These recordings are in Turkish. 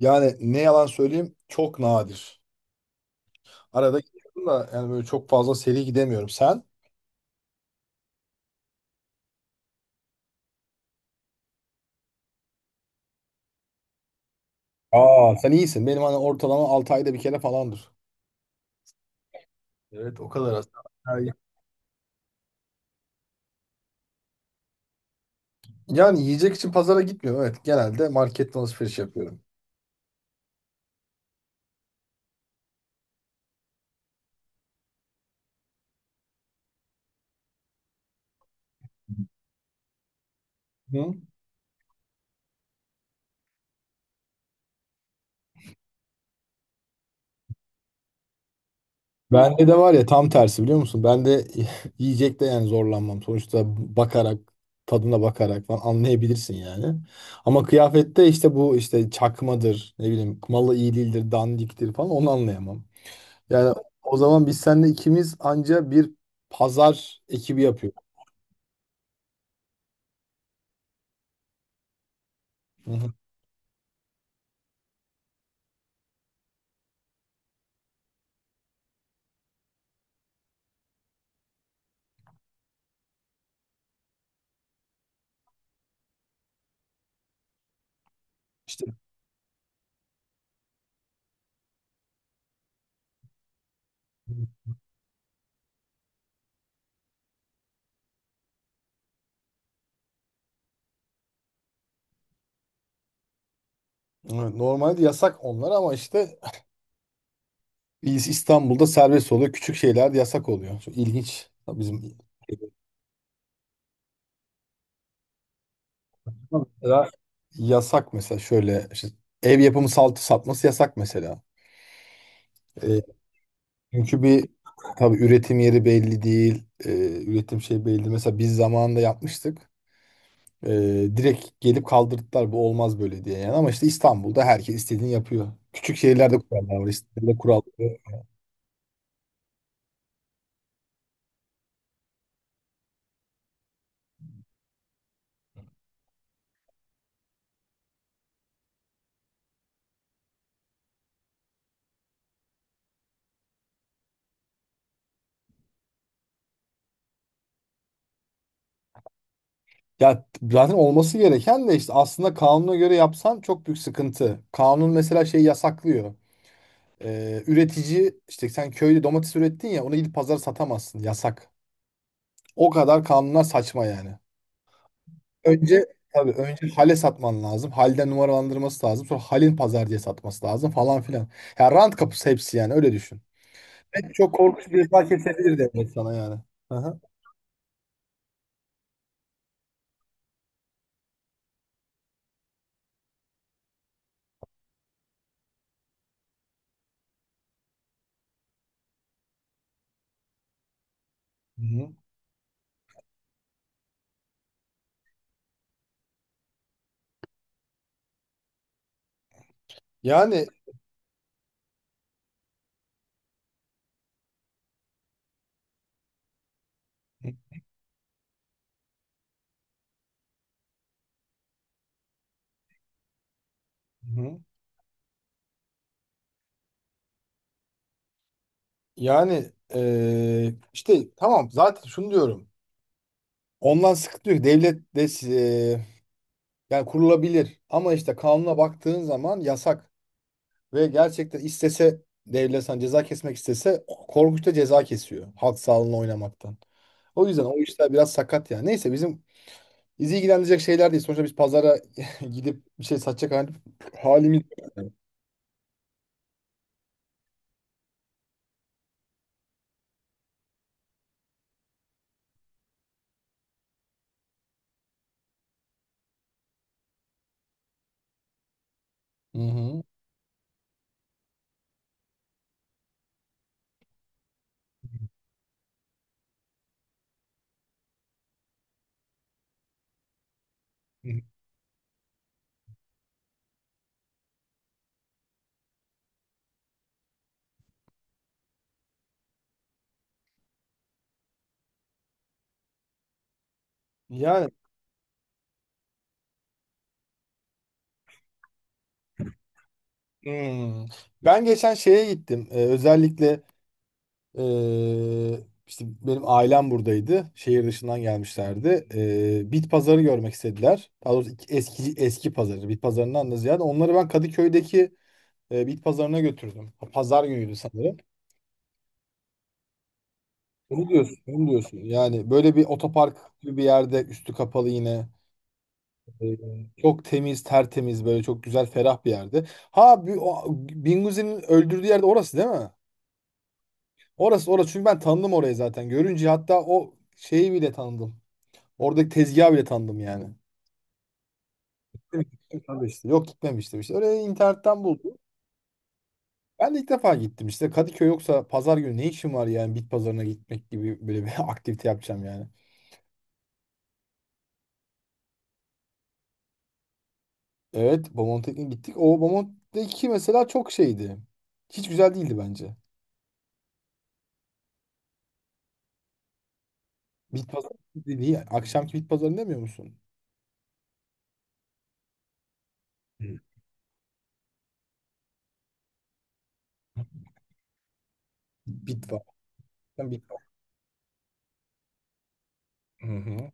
Yani ne yalan söyleyeyim, çok nadir. Arada gidiyorum da yani böyle çok fazla seri gidemiyorum. Sen? Aa, sen iyisin. Benim hani ortalama 6 ayda bir kere falandır. Evet, o kadar aslında. Yani yani yiyecek için pazara gitmiyorum. Evet, genelde marketten alışveriş yapıyorum. Hı. Bende de var ya, tam tersi biliyor musun? Ben de yiyecekte yani zorlanmam. Sonuçta bakarak, tadına bakarak falan anlayabilirsin yani. Ama kıyafette işte bu işte çakmadır, ne bileyim malı iyi değildir, dandiktir falan, onu anlayamam. Yani o zaman biz seninle ikimiz anca bir pazar ekibi yapıyoruz. Hı hı. İşte evet, normalde yasak onlar ama işte biz İstanbul'da serbest oluyor. Küçük şeyler de yasak oluyor. Çok ilginç. Bizim mesela yasak mesela, şöyle işte ev yapımı saltı satması yasak mesela. E, çünkü bir tabii üretim yeri belli değil. E, üretim şey belli değil. Mesela biz zamanında yapmıştık. Direkt gelip kaldırdılar, bu olmaz böyle diye yani. Ama işte İstanbul'da herkes istediğini yapıyor. Küçük şehirlerde kurallar var. İstanbul'da kural yok. Ya zaten olması gereken de işte aslında, kanuna göre yapsan çok büyük sıkıntı. Kanun mesela şey yasaklıyor. Üretici işte, sen köyde domates ürettin ya, onu gidip pazara satamazsın. Yasak. O kadar kanunlar saçma yani. Önce tabii hale satman lazım. Halden numaralandırması lazım. Sonra halin pazar diye satması lazım falan filan. Ya rant kapısı hepsi yani, öyle düşün. En çok korkunç bir fark kesebilir demek sana yani. Hı hı. Hı. Yani. Hı-hı. Yani işte tamam, zaten şunu diyorum. Ondan sıkıntı yok. Devlet de yani kurulabilir ama işte kanuna baktığın zaman yasak ve gerçekten istese devlet sana ceza kesmek istese, korkunç da ceza kesiyor halk sağlığına oynamaktan. O yüzden o işler biraz sakat yani. Neyse bizi ilgilendirecek şeyler değil. Sonuçta biz pazara gidip bir şey satacak halimiz yok. Hı hı. Yani. Hmm. Ben geçen şeye gittim. Özellikle ee, işte benim ailem buradaydı. Şehir dışından gelmişlerdi. Bit pazarı görmek istediler. Daha doğrusu eski eski pazarı. Bit pazarından da ziyade onları ben Kadıköy'deki bit pazarına götürdüm. Pazar günüydü sanırım. Onu diyorsun, onu diyorsun. Yani böyle bir otopark gibi bir yerde, üstü kapalı yine. Ee, Çok temiz, tertemiz, böyle çok güzel, ferah bir yerde. Ha, Binguzi'nin öldürdüğü yerde, orası değil mi? Orası orası, çünkü ben tanıdım orayı zaten. Görünce hatta o şeyi bile tanıdım. Oradaki tezgahı bile tanıdım yani. Demek ki işte. Yok, gitmemiştim işte. Orayı internetten buldum. Ben de ilk defa gittim işte. Kadıköy yoksa pazar günü ne işim var yani, bit pazarına gitmek gibi böyle bir aktivite yapacağım yani. Evet, Bomonti'ye gittik. O Bomonti'deki mesela çok şeydi. Hiç güzel değildi bence. Bit pazarı dediği akşamki bit pazarı demiyor musun? Hı. Bit var. Bit var. Hı hı.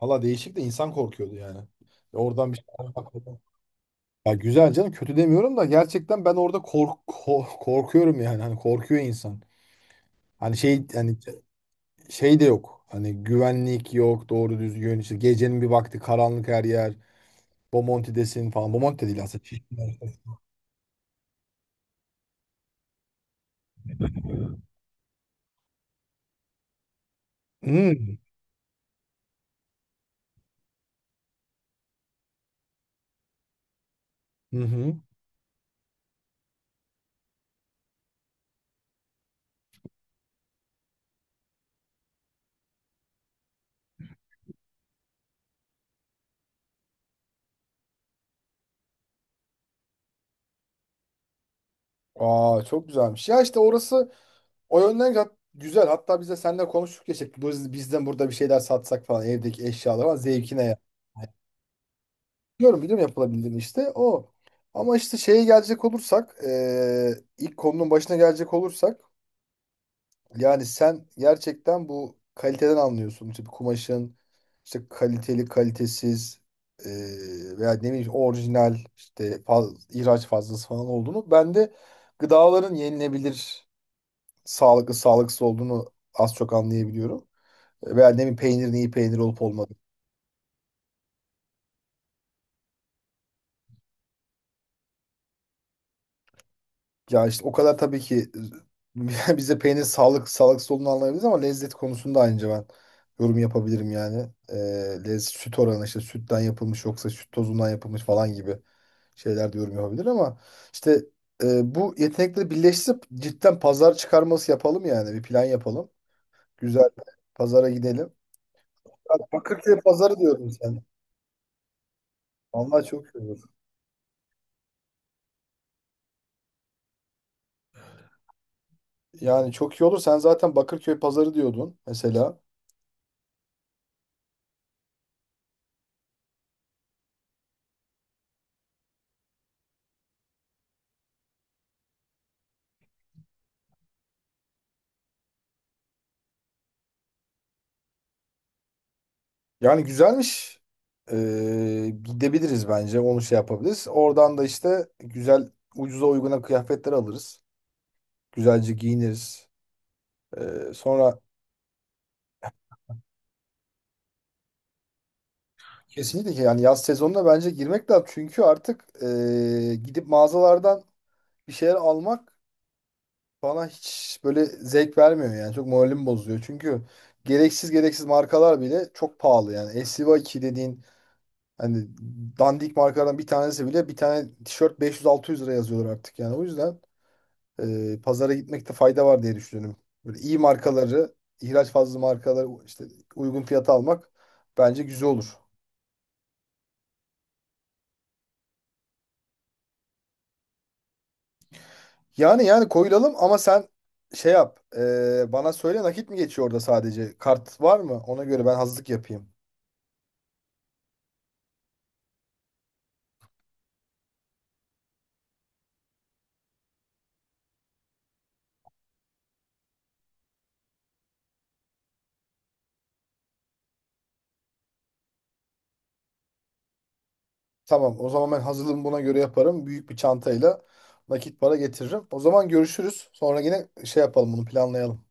Valla değişik de, insan korkuyordu yani. Oradan bir şey almak. Ya güzel canım, kötü demiyorum da gerçekten ben orada korkuyorum yani, hani korkuyor insan. Hani şey, hani şey de yok. Hani güvenlik yok doğru düzgün, işte gecenin bir vakti, karanlık her yer. Bomonti'desin falan. Bomonti de değil aslında. Şişli. Hmm. Hı hı. Aa, çok güzelmiş. Ya işte orası o yönden güzel. Hatta biz de seninle konuştuk ya işte, biz, bizden burada bir şeyler satsak falan, evdeki eşyalar falan zevkine ya. Biliyorum biliyorum yapılabildiğini işte o. Ama işte şeye gelecek olursak ilk konunun başına gelecek olursak, yani sen gerçekten bu kaliteden anlıyorsun. İşte bir kumaşın işte kaliteli kalitesiz veya ne bileyim orijinal işte ihraç fazlası falan olduğunu. Ben de gıdaların yenilebilir, sağlıklı sağlıksız olduğunu az çok anlayabiliyorum. Veya ne bileyim peynirin iyi peynir olup olmadığını. Ya işte o kadar tabii ki bize peynir sağlık sağlıksız olduğunu anlayabiliriz ama lezzet konusunda aynı ben yorum yapabilirim yani. Lezzet, süt oranı, işte sütten yapılmış yoksa süt tozundan yapılmış falan gibi şeyler de yorum yapabilir ama işte bu yetenekleri birleştirip cidden pazar çıkarması yapalım yani, bir plan yapalım. Güzel bir pazara gidelim. Ya, Bakırköy pazarı diyordun sen. Vallahi çok iyi olur. Yani çok iyi olur. Sen zaten Bakırköy pazarı diyordun mesela. Yani güzelmiş. Ee, Gidebiliriz bence. Onu şey yapabiliriz. Oradan da işte güzel, ucuza uyguna kıyafetler alırız. Güzelce giyiniriz. Sonra kesinlikle ki yani, yaz sezonuna bence girmek lazım. Çünkü artık gidip mağazalardan bir şeyler almak bana hiç böyle zevk vermiyor yani. Çok moralimi bozuyor. Çünkü gereksiz markalar bile çok pahalı yani. SC2 dediğin hani dandik markalardan bir tanesi bile, bir tane tişört 500-600 lira yazıyorlar artık yani. O yüzden pazara gitmekte fayda var diye düşünüyorum. Böyle iyi markaları, ihraç fazla markaları işte uygun fiyata almak bence güzel olur. Yani yani koyulalım ama sen şey yap. Bana söyle, nakit mi geçiyor orada sadece? Kart var mı? Ona göre ben hazırlık yapayım. Tamam, o zaman ben hazırlığımı buna göre yaparım. Büyük bir çantayla nakit para getiririm. O zaman görüşürüz. Sonra yine şey yapalım, bunu planlayalım.